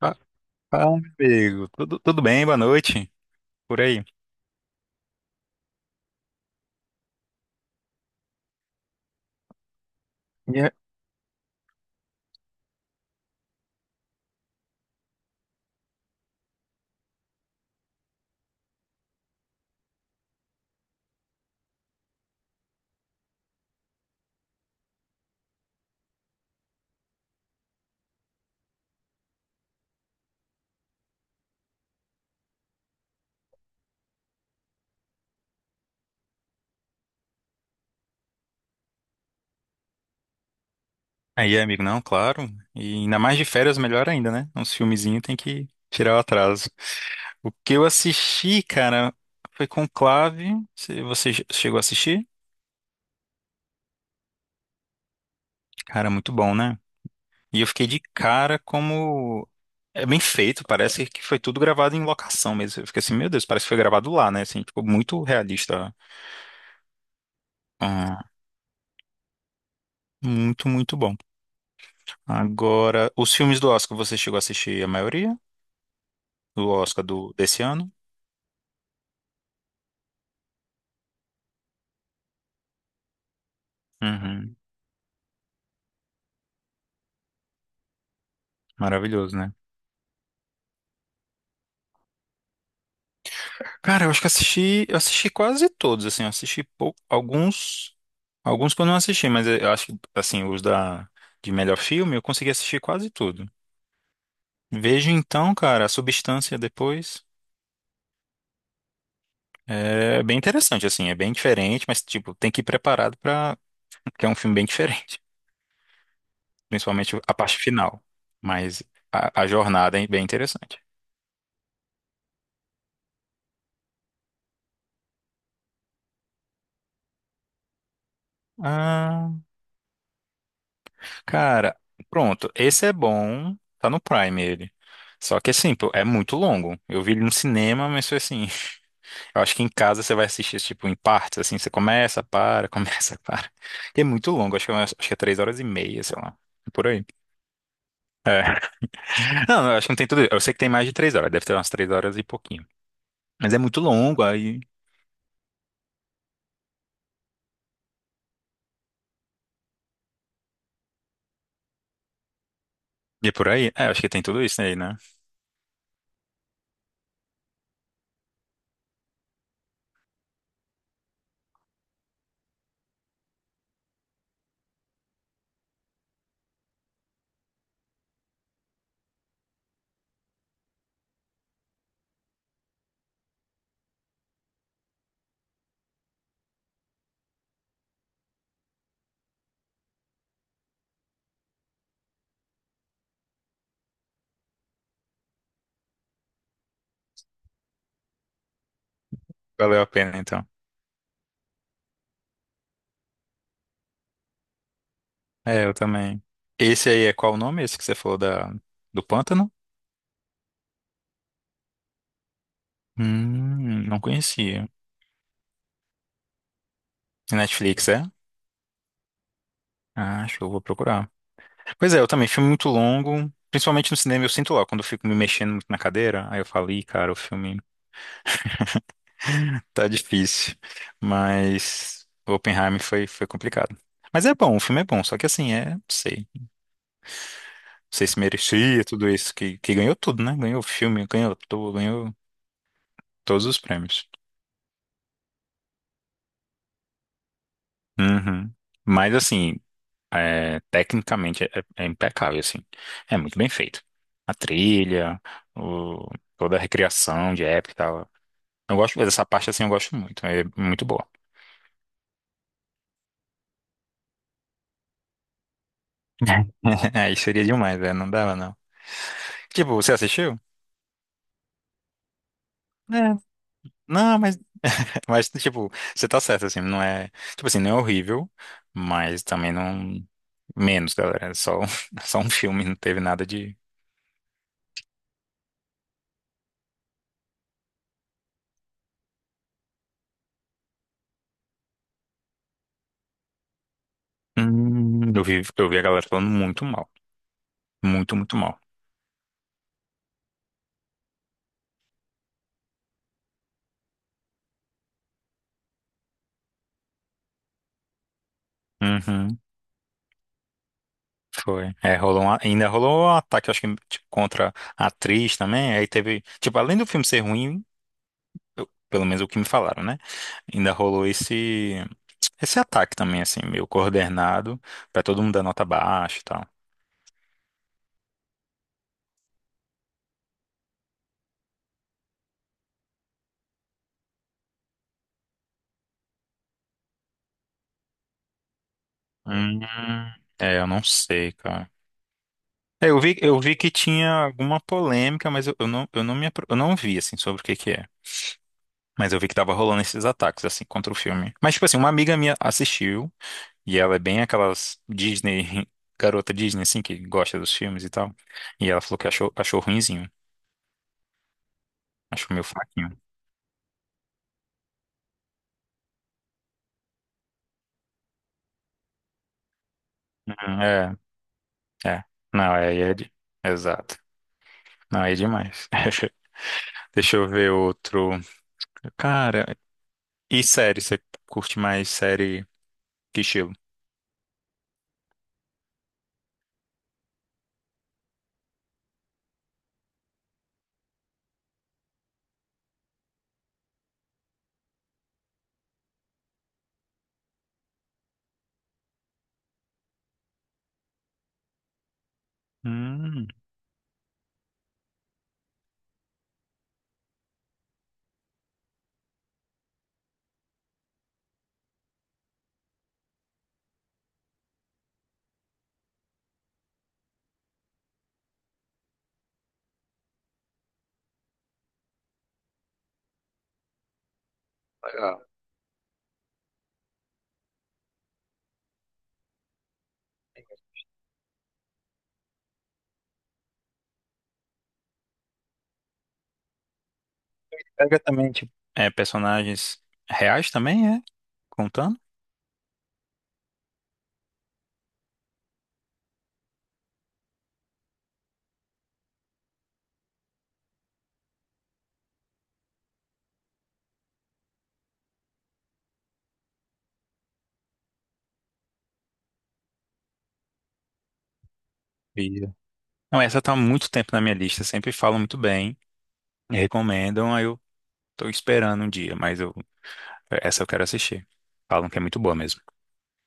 Fa- Fala, meu amigo. Tudo bem? Boa noite. Por aí. E a- aí, amigo, não, claro. E ainda mais de férias, melhor ainda, né? Uns filmezinhos tem que tirar o atraso. O que eu assisti, cara, foi Conclave. Você chegou a assistir? Cara, muito bom, né? E eu fiquei de cara como. É bem feito, parece que foi tudo gravado em locação mesmo. Eu fiquei assim, meu Deus, parece que foi gravado lá, né? Assim, ficou muito realista. Ah, muito bom. Agora, os filmes do Oscar, você chegou a assistir a maioria? Do Oscar do, desse ano? Uhum. Maravilhoso, né? Cara, eu acho que assisti, eu assisti quase todos, assim, eu assisti pou- alguns, alguns que eu não assisti, mas eu acho que, assim, os da, de melhor filme, eu consegui assistir quase tudo. Vejo então, cara, a substância depois. É bem interessante, assim, é bem diferente, mas, tipo, tem que ir preparado pra. Que é um filme bem diferente, principalmente a parte final. Mas a jornada é bem interessante. Ah, cara, pronto. Esse é bom. Tá no Prime ele. Só que assim, pô, é muito longo. Eu vi ele no cinema, mas foi assim. Eu acho que em casa você vai assistir, tipo, em partes, assim. Você começa, para, começa, para. É muito longo. Acho que, acho que é três horas e meia, sei lá. Por aí. Não, eu acho que não tem tudo. Eu sei que tem mais de três horas. Deve ter umas três horas e pouquinho. Mas é muito longo, aí. E por aí. É, eu acho que tem tudo isso aí, né? Valeu a pena, então. É, eu também. Esse aí é qual o nome? Esse que você falou da... do pântano? Não conhecia. Netflix, é? Ah, acho que eu vou procurar. Pois é, eu também, filme muito longo, principalmente no cinema, eu sinto lá, quando eu fico me mexendo muito na cadeira, aí eu falo, ih, cara, o filme tá difícil. Mas Oppenheimer foi complicado. Mas é bom, o filme é bom, só que assim, é, não sei, não sei se merecia tudo isso, que ganhou tudo, né? Ganhou filme, ganhou ator, ganhou todos os prêmios. Uhum. Mas assim, é, tecnicamente é impecável, assim. É muito bem feito. A trilha, o- toda a recriação de época e tal. Eu gosto dessa parte, assim, eu gosto muito. É muito boa. Aí seria demais, né? Não dava, não. Tipo, você assistiu? É. Não, mas, tipo, você tá certo, assim, não é... Tipo assim, não é horrível, mas também não... Menos, galera. É só, um- só um filme, não teve nada de... eu vi a galera falando muito mal. Muito mal. Uhum. Foi. É, rolou um, ainda rolou um ataque, eu acho que tipo, contra a atriz também. Aí teve, tipo, além do filme ser ruim, pelo menos o que me falaram, né? Ainda rolou esse ataque também, assim, meio coordenado, pra todo mundo dar nota baixa e tal. Hum, é, eu não sei, cara. É, eu vi que tinha alguma polêmica, mas eu não, eu não vi, assim, sobre o que que é. Mas eu vi que tava rolando esses ataques, assim, contra o filme. Mas, tipo assim, uma amiga minha assistiu. E ela é bem aquelas Disney, garota Disney, assim, que gosta dos filmes e tal. E ela falou que achou, achou ruinzinho. Achou meio fraquinho. É, é. Não, exato. Não, aí é demais. Deixa eu ver outro. Cara, e série? Você curte mais série que estilo? Hum. Legal. Pega também, tipo, é, personagens reais também, é? Contando? Via. Não, essa tá há muito tempo na minha lista. Sempre falam muito bem, recomendam. Aí eu tô esperando um dia, mas eu, essa eu quero assistir. Falam que é muito boa mesmo.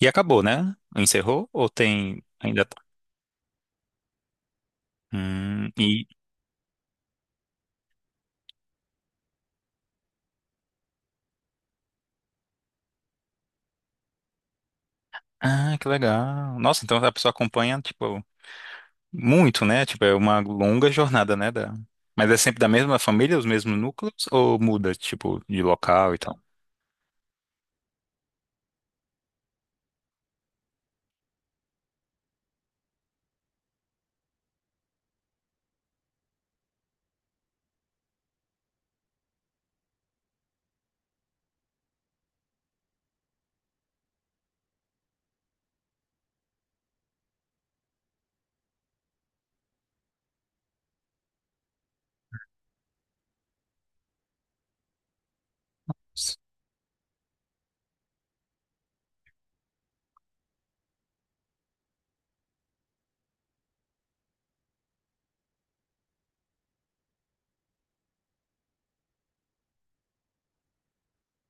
E acabou, né? Encerrou? Ou tem ainda? Tá? E ah, que legal. Nossa, então a pessoa acompanha tipo muito, né? Tipo é uma longa jornada, né? Da... Mas é sempre da mesma família, os mesmos núcleos ou muda tipo de local e tal? S-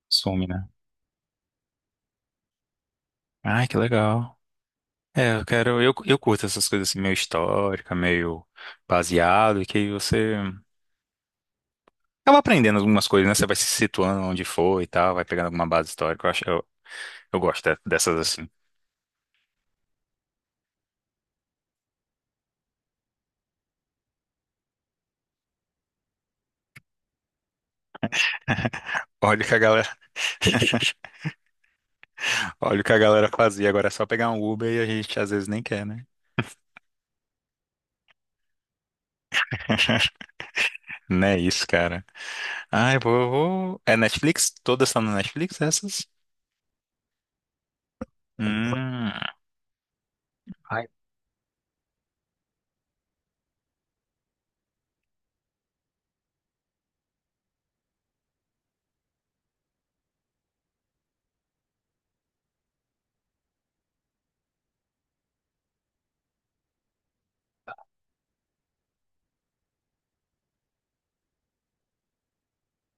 Some, né? Ai, que legal. É, eu quero, eu curto essas coisas assim, meio histórica, meio baseado, e que aí você acaba aprendendo algumas coisas, né? Você vai se situando onde for e tal, vai pegando alguma base histórica. Eu acho, eu, dessas assim. Olha o que a galera, olha o que a galera fazia. Agora é só pegar um Uber e a gente às vezes nem quer, né? Não é isso, cara. Ai, vou, vou... É Netflix? Todas estão na Netflix, essas? Hum. Ai,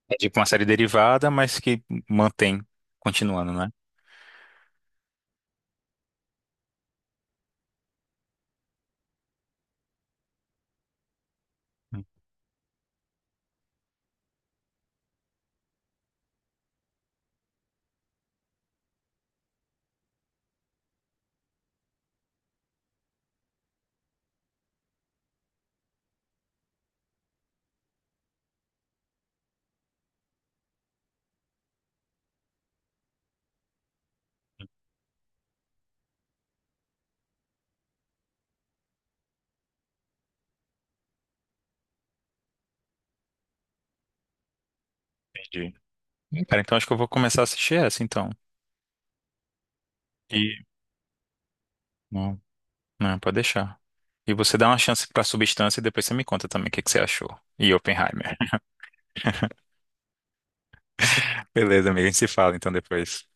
é tipo uma série derivada, mas que mantém, continuando, né? Entendi. Cara, então acho que eu vou começar a assistir essa, então. E... Não, pode deixar. E você dá uma chance pra substância e depois você me conta também o que que você achou. E Oppenheimer. Beleza, amigo, a gente se fala então depois.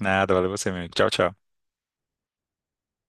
Nada, valeu você mesmo. Tchau, tchau.